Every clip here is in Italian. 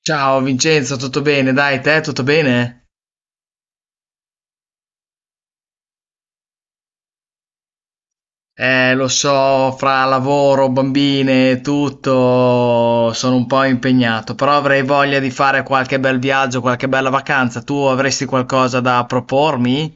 Ciao Vincenzo, tutto bene? Dai, te tutto bene? Lo so, fra lavoro, bambine, e tutto, sono un po' impegnato, però avrei voglia di fare qualche bel viaggio, qualche bella vacanza. Tu avresti qualcosa da propormi?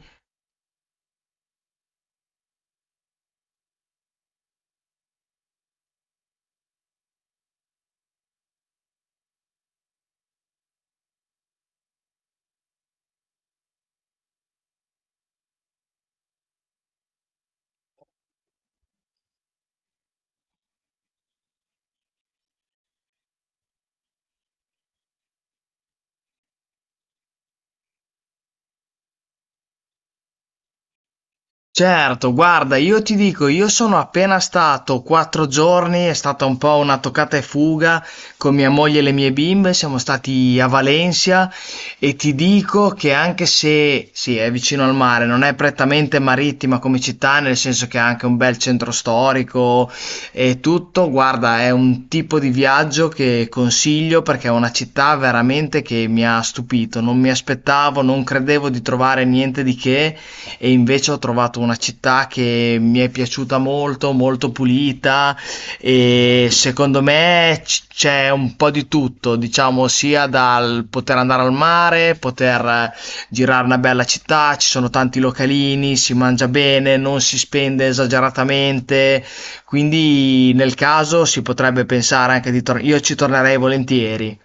Certo, guarda, io ti dico, io sono appena stato 4 giorni, è stata un po' una toccata e fuga con mia moglie e le mie bimbe, siamo stati a Valencia e ti dico che anche se, sì, è vicino al mare, non è prettamente marittima come città, nel senso che ha anche un bel centro storico e tutto, guarda, è un tipo di viaggio che consiglio perché è una città veramente che mi ha stupito, non mi aspettavo, non credevo di trovare niente di che e invece ho trovato una città che mi è piaciuta molto, molto pulita e secondo me c'è un po' di tutto, diciamo, sia dal poter andare al mare, poter girare una bella città, ci sono tanti localini, si mangia bene, non si spende esageratamente, quindi nel caso si potrebbe pensare anche di tornare, io ci tornerei volentieri.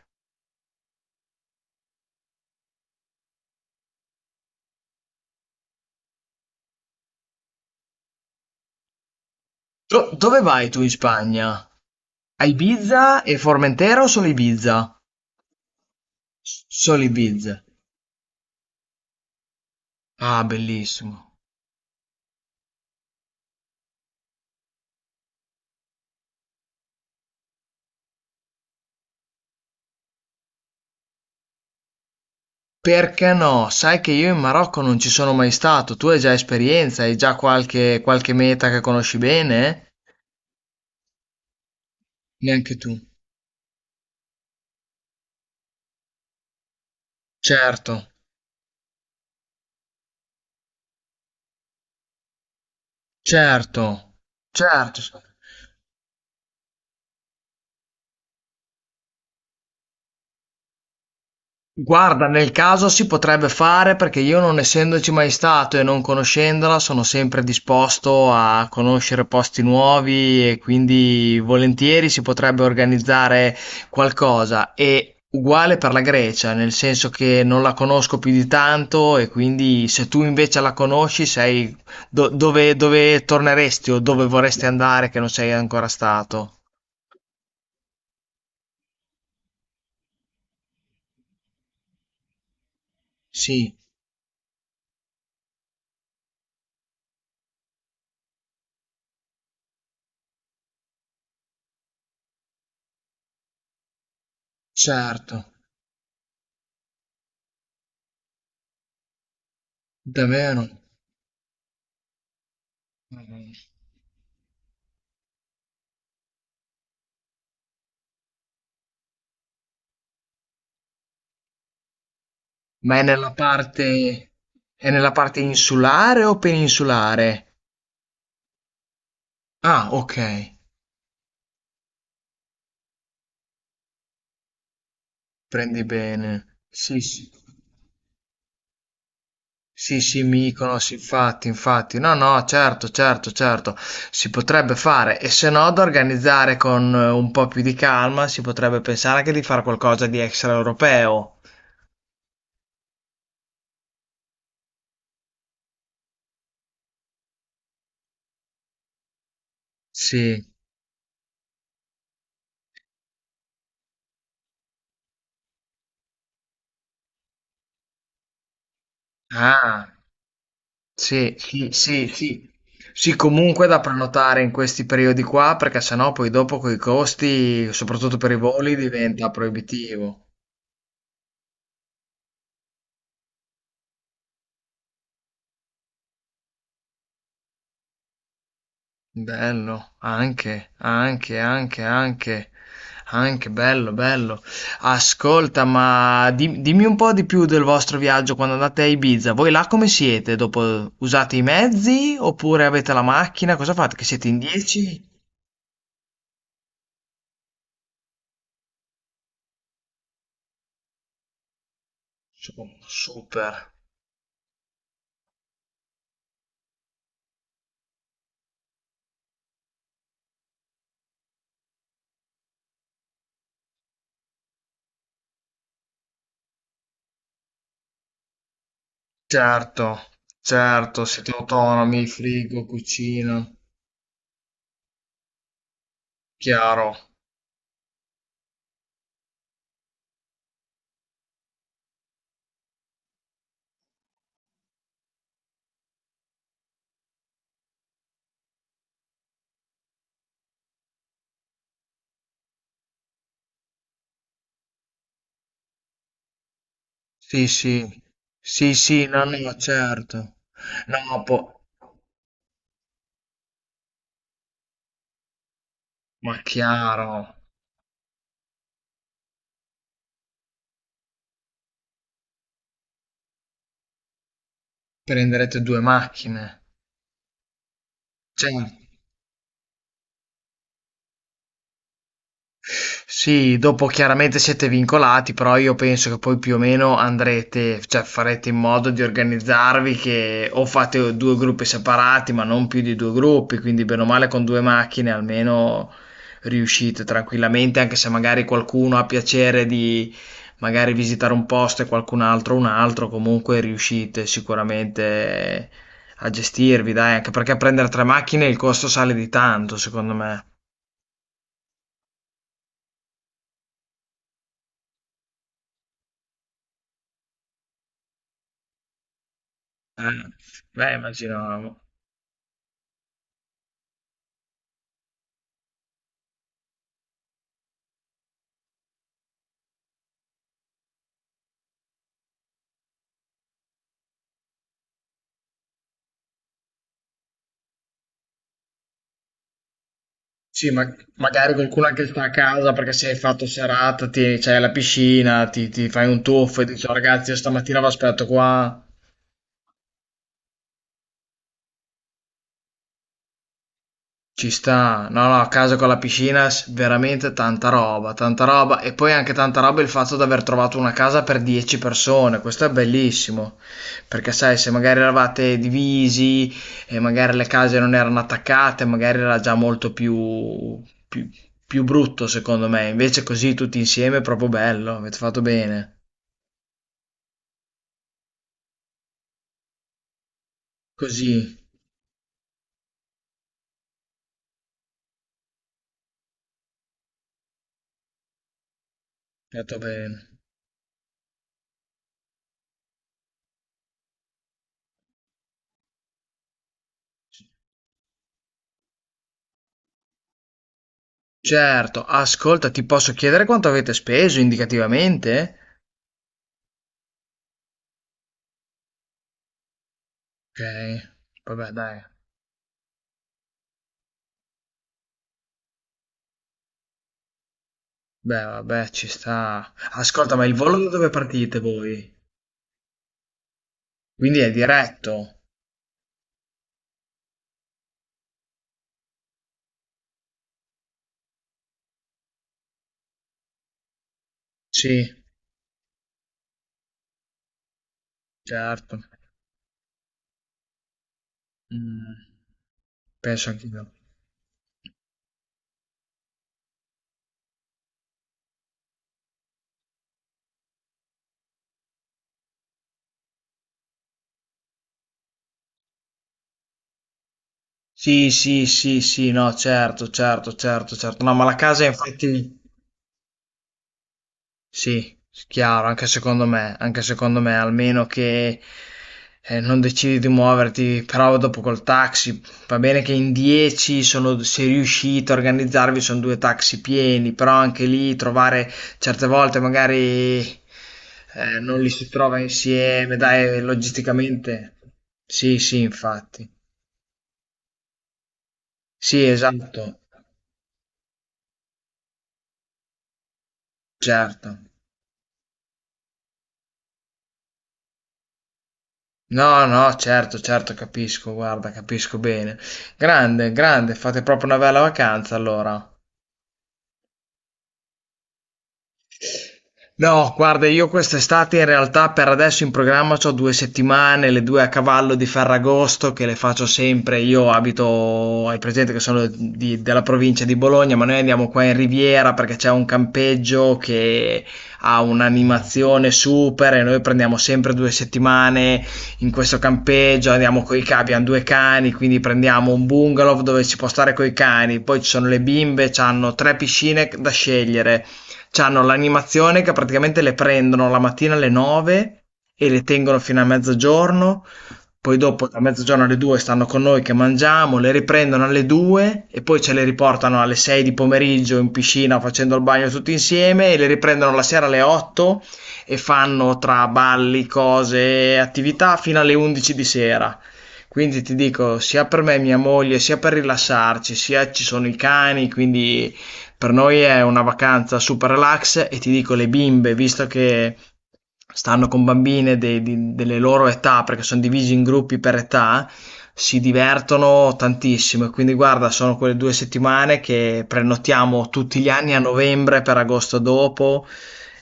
Dove vai tu in Spagna? A Ibiza e Formentera o solo Ibiza? Solo Ibiza. Ah, bellissimo. Perché no? Sai che io in Marocco non ci sono mai stato. Tu hai già esperienza, hai già qualche, qualche meta che conosci bene? Neanche tu. Certo, certo, certo. Guarda nel caso si potrebbe fare perché io non essendoci mai stato e non conoscendola sono sempre disposto a conoscere posti nuovi e quindi volentieri si potrebbe organizzare qualcosa. E uguale per la Grecia, nel senso che non la conosco più di tanto e quindi se tu invece la conosci sei dove torneresti o dove vorresti andare che non sei ancora stato? Sì, certo, davvero. Mm. Ma è nella parte insulare o peninsulare? Ah, ok, prendi bene. Sì, sì. Sì, sì, Mykonos, infatti, infatti. No, no, certo, certo, certo. Si potrebbe fare e se no da organizzare con un po' più di calma, si potrebbe pensare anche di fare qualcosa di extraeuropeo. Sì. Ah. Sì, sì, sì, sì. Sì, comunque da prenotare in questi periodi qua, perché sennò poi dopo coi costi, soprattutto per i voli, diventa proibitivo. Bello, anche, anche, anche, anche, anche bello, bello. Ascolta, ma dimmi un po' di più del vostro viaggio quando andate a Ibiza. Voi là come siete? Dopo usate i mezzi oppure avete la macchina? Cosa fate? Che siete in 10? Su- Super. Certo, certo, siete autonomi, frigo, cucina, chiaro. Sì, sì, sì, sì, no, no, certo. No, ma chiaro, prenderete due macchine, certo. Sì, dopo chiaramente siete vincolati, però io penso che poi più o meno andrete, cioè farete in modo di organizzarvi che o fate due gruppi separati, ma non più di due gruppi, quindi bene o male con due macchine almeno riuscite tranquillamente, anche se magari qualcuno ha piacere di magari visitare un posto e qualcun altro un altro, comunque riuscite sicuramente a gestirvi, dai, anche perché prendere tre macchine il costo sale di tanto, secondo me. Eh, beh, immagino. Sì, ma magari qualcuno anche sta a casa perché se hai fatto serata, ti, c'hai la piscina, ti fai un tuffo e dici, "Oh, ragazzi, io stamattina vi aspetto qua". Ci sta, no, no, a casa con la piscina, veramente tanta roba, tanta roba. E poi anche tanta roba il fatto di aver trovato una casa per 10 persone, questo è bellissimo. Perché sai, se magari eravate divisi e magari le case non erano attaccate, magari era già molto più, più, più brutto secondo me. Invece così tutti insieme è proprio bello, avete fatto bene. Così, fatto bene. Certo, ascolta, ti posso chiedere quanto avete speso indicativamente? Ok, vabbè, dai. Beh, vabbè, ci sta. Ascolta, ma il volo da dove partite voi? Quindi è diretto? Sì, certo. Mm, penso anch'io. Sì, sì, sì, sì, no, certo, certo, certo, certo. No, ma la casa infatti... Sì, chiaro, anche secondo me, almeno che non decidi di muoverti, però dopo col taxi, va bene che in 10 sono, se riuscite a organizzarvi sono due taxi pieni, però anche lì trovare certe volte magari non li si trova insieme, dai, logisticamente. Sì, sì, infatti. Sì, esatto, certo. No, no, certo, certo, capisco, guarda, capisco bene. Grande, grande, fate proprio una bella vacanza allora. No, guarda, io quest'estate in realtà per adesso in programma c'ho 2 settimane, le due a cavallo di Ferragosto che le faccio sempre. Io abito, hai presente che sono della provincia di Bologna, ma noi andiamo qua in Riviera perché c'è un campeggio che ha un'animazione super e noi prendiamo sempre 2 settimane in questo campeggio, andiamo coi cani, abbiamo due cani, quindi prendiamo un bungalow dove si può stare coi cani, poi ci sono le bimbe, hanno tre piscine da scegliere. C'hanno l'animazione che praticamente le prendono la mattina alle 9 e le tengono fino a mezzogiorno, poi dopo da mezzogiorno alle 2 stanno con noi che mangiamo, le riprendono alle 2 e poi ce le riportano alle 6 di pomeriggio in piscina facendo il bagno tutti insieme e le riprendono la sera alle 8 e fanno tra balli, cose e attività fino alle 11 di sera. Quindi ti dico, sia per me e mia moglie, sia per rilassarci, sia ci sono i cani, quindi per noi è una vacanza super relax e ti dico, le bimbe, visto che stanno con bambine delle loro età, perché sono divisi in gruppi per età, si divertono tantissimo. E quindi, guarda, sono quelle 2 settimane che prenotiamo tutti gli anni a novembre per agosto dopo.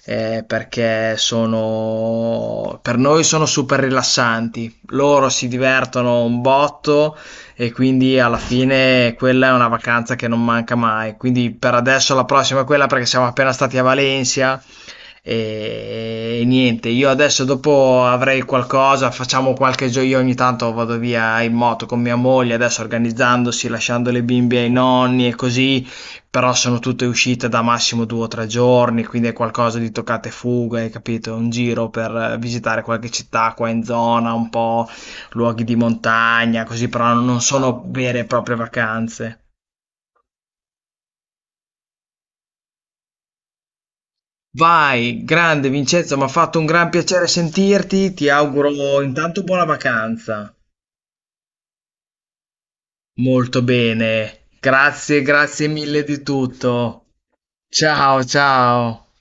Perché sono per noi sono super rilassanti, loro si divertono un botto e quindi alla fine quella è una vacanza che non manca mai. Quindi per adesso la prossima è quella perché siamo appena stati a Valencia e niente, io adesso dopo avrei qualcosa, facciamo qualche gioco, io ogni tanto vado via in moto con mia moglie, adesso organizzandosi, lasciando le bimbe ai nonni e così, però sono tutte uscite da massimo 2 o 3 giorni, quindi è qualcosa di toccate e fuga, hai capito? Un giro per visitare qualche città qua in zona, un po' luoghi di montagna, così però non sono vere e proprie vacanze. Vai, grande Vincenzo, mi ha fatto un gran piacere sentirti, ti auguro intanto buona vacanza. Molto bene, grazie, grazie mille di tutto. Ciao, ciao.